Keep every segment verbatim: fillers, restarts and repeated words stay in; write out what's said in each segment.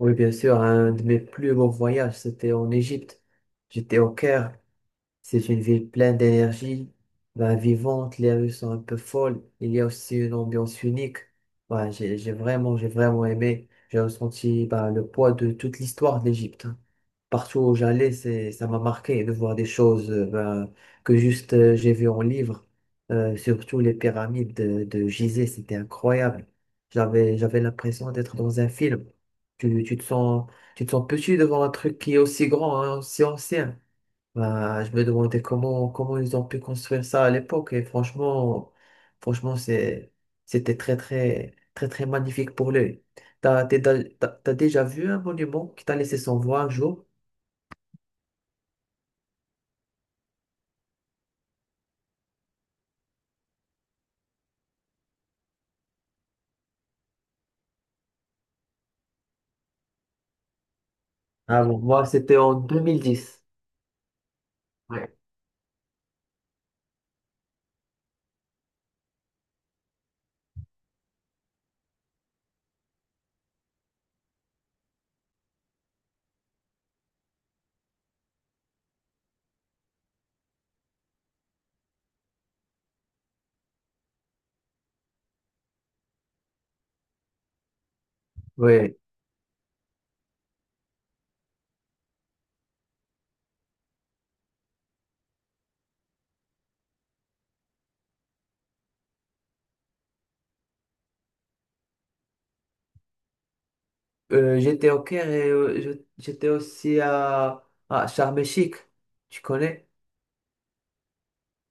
Oui, bien sûr, un de mes plus beaux voyages, c'était en Égypte. J'étais au Caire, c'est une ville pleine d'énergie, bah, vivante, les rues sont un peu folles, il y a aussi une ambiance unique. Bah, j'ai, j'ai vraiment, j'ai vraiment aimé. J'ai ressenti bah, le poids de toute l'histoire de l'Égypte. Partout où j'allais, c'est, ça m'a marqué de voir des choses euh, bah, que juste euh, j'ai vu en livre. Euh, surtout les pyramides de, de Gizeh, c'était incroyable. J'avais, j'avais l'impression d'être dans un film. Tu, tu te sens, tu te sens petit devant un truc qui est aussi grand, hein, aussi ancien. Bah, je me demandais comment, comment ils ont pu construire ça à l'époque. Et franchement, franchement, c'est, c'était très, très, très, très magnifique pour l'œil. T'as, t'es da- t'as, T'as déjà vu un monument qui t'a laissé sans voix un jour? Ah bon? Moi, c'était en deux mille dix. Ouais. Ouais. Euh, j'étais au Caire et euh, je- j'étais aussi à, à Sharm el-Sheikh. Tu connais?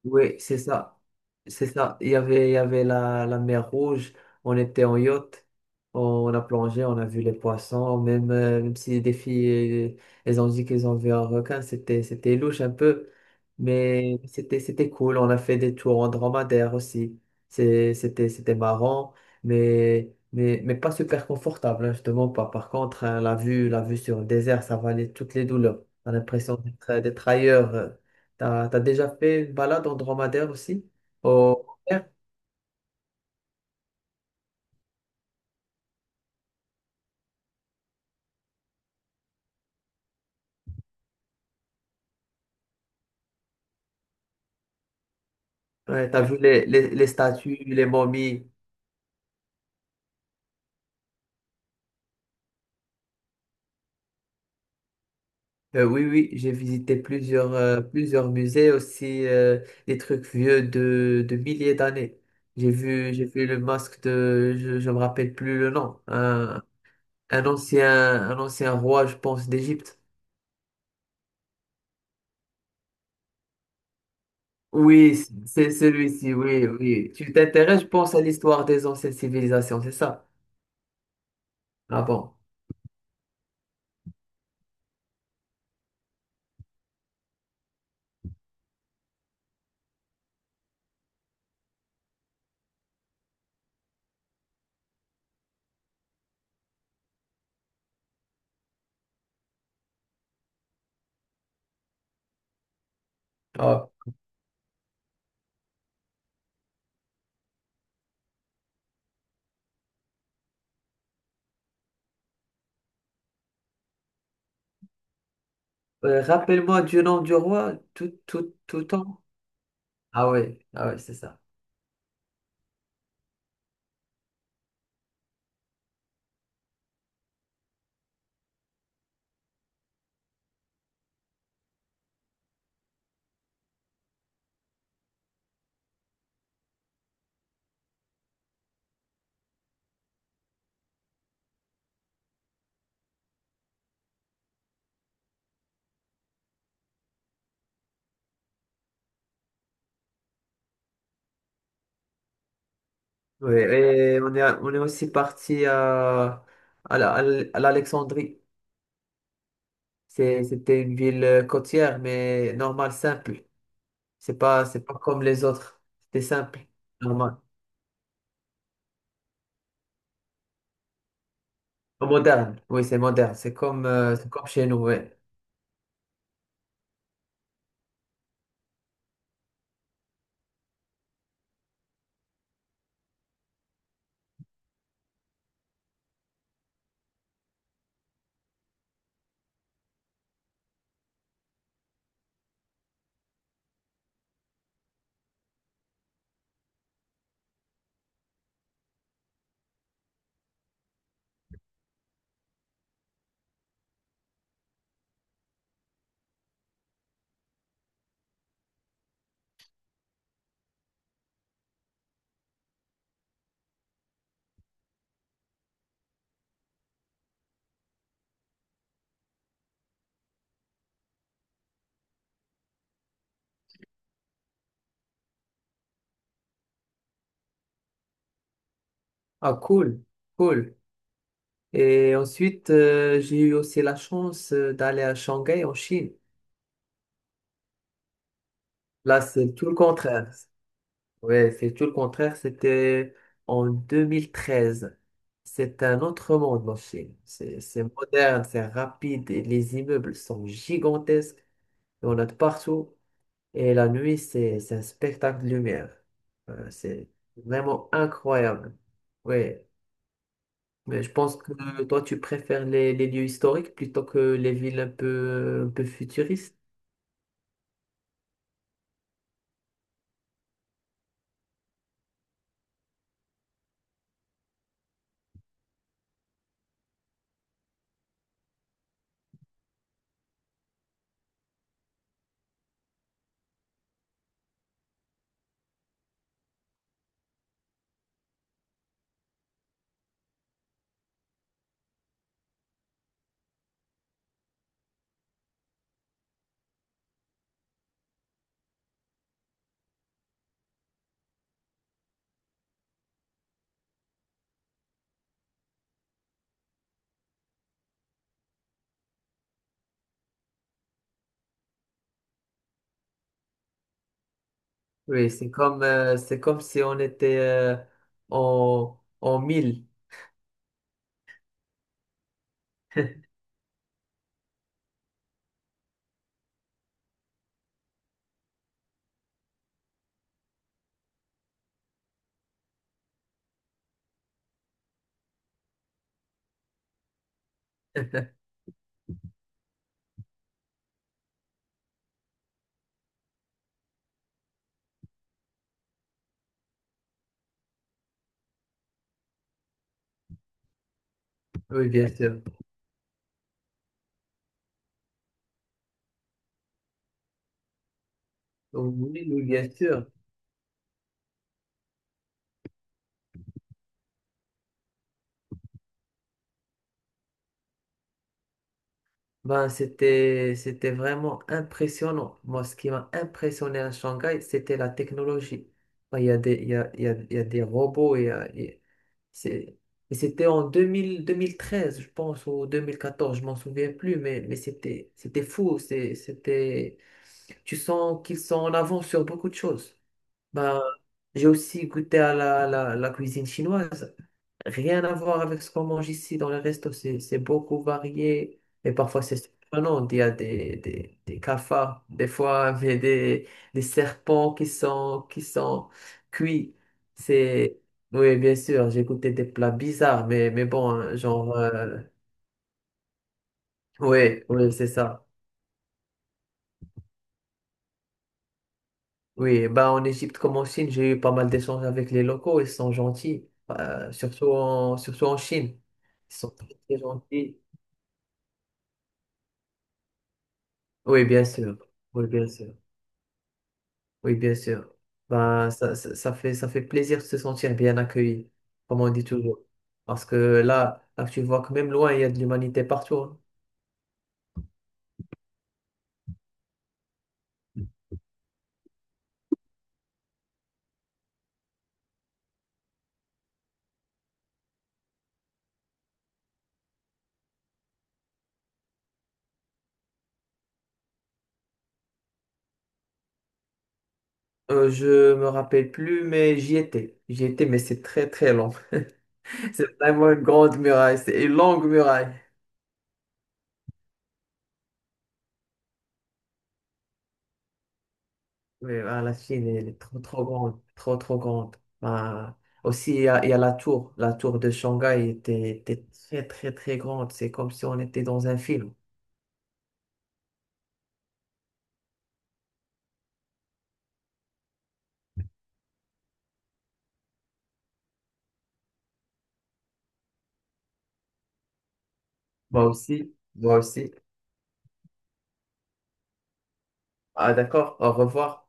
Oui, c'est ça. C'est ça. Il y avait, il y avait la, la mer Rouge. On était en yacht. On a plongé, on a vu les poissons. Même, euh, même si les filles, euh, elles ont dit qu'elles ont vu un requin, c'était, c'était louche un peu. Mais c'était, c'était cool. On a fait des tours en dromadaire aussi. C'est- C'était, c'était marrant, mais, mais, mais pas super confortable, hein, je pas. Par contre, hein, la vue, la vue sur le désert, ça valait toutes les douleurs. On a l'impression d'être d'être ailleurs. euh. T'as, t'as déjà fait une balade en dromadaire aussi? Au... Ouais, t'as vu les, les, les statues, les momies. Euh, oui, oui, j'ai visité plusieurs, euh, plusieurs musées aussi, euh, des trucs vieux de, de milliers d'années. J'ai vu, j'ai vu le masque de, je, je me rappelle plus le nom, un, un ancien, un ancien roi, je pense, d'Égypte. Oui, c'est celui-ci, oui, oui. Tu t'intéresses, je pense, à l'histoire des anciennes civilisations, c'est ça? Ah bon? Ah, euh, rappelle-moi du nom du roi tout, tout, tout temps. Ah oui, ah oui, c'est ça. Ouais, et on est, on est aussi parti à, à la- à l- à l'Alexandrie. C'est- C'était une ville euh, côtière, mais normale, simple. C'est pas, c'est pas comme les autres. C'était simple, normal. Moderne, oui, c'est moderne. C'est comme, euh, c'est comme chez nous, ouais. Ah, cool, cool. Et ensuite, euh, j'ai eu aussi la chance euh, d'aller à Shanghai, en Chine. Là, c'est tout le contraire. Ouais, c'est tout le contraire. C'était en deux mille treize. C'est un autre monde, la Chine. C'est c'est moderne, c'est rapide, et les immeubles sont gigantesques. Il y en a de partout. Et la nuit, c'est c'est un spectacle de lumière. Euh, c'est vraiment incroyable. Oui, mais je pense que toi, tu préfères les, les lieux historiques plutôt que les villes un peu, un peu futuristes. Oui, c'est comme, euh, c'est comme si on était euh, en, en mille. Oui, bien sûr. Donc, Oui, oui, bien sûr. Ben, c'était, c'était vraiment impressionnant. Moi, ce qui m'a impressionné à Shanghai, c'était la technologie. Ben, il y a des, il y a, il y a- il y a des robots. Il y a- il y a- c'est- et c'était en deux mille, deux mille treize, je pense, ou deux mille quatorze, je m'en souviens plus, mais, mais c'était, c'était fou. C'est, c'était Tu sens qu'ils sont en avance sur beaucoup de choses. Ben, j'ai aussi goûté à la, la, la cuisine chinoise. Rien à voir avec ce qu'on mange ici dans le resto, c'est c'est beaucoup varié et parfois c'est surprenant. Il y a des, des, des cafards, des fois, mais des, des serpents qui sont, qui sont cuits. C'est, oui, bien sûr, j'ai goûté des plats bizarres, mais, mais bon, hein, genre, euh, oui, oui, c'est ça. Oui, bah en Égypte comme en Chine, j'ai eu pas mal d'échanges avec les locaux, ils sont gentils, euh, surtout en, surtout en Chine. Ils sont très, très gentils. Oui, bien sûr, oui, bien sûr. Oui, bien sûr. Ben, ça, ça, ça fait, ça fait plaisir de se sentir bien accueilli, comme on dit toujours. Parce que là, là, tu vois que même loin, il y a de l'humanité partout. Hein. Euh, je me rappelle plus, mais j'y étais. J'y étais, mais c'est très très long. C'est vraiment une grande muraille, c'est une longue muraille. Mais ben, la Chine, elle est trop trop grande, trop trop grande. Ben, aussi, il y a, il y a la tour. La tour de Shanghai était, était très très très grande. C'est comme si on était dans un film. Moi aussi, moi aussi. Ah d'accord, au revoir.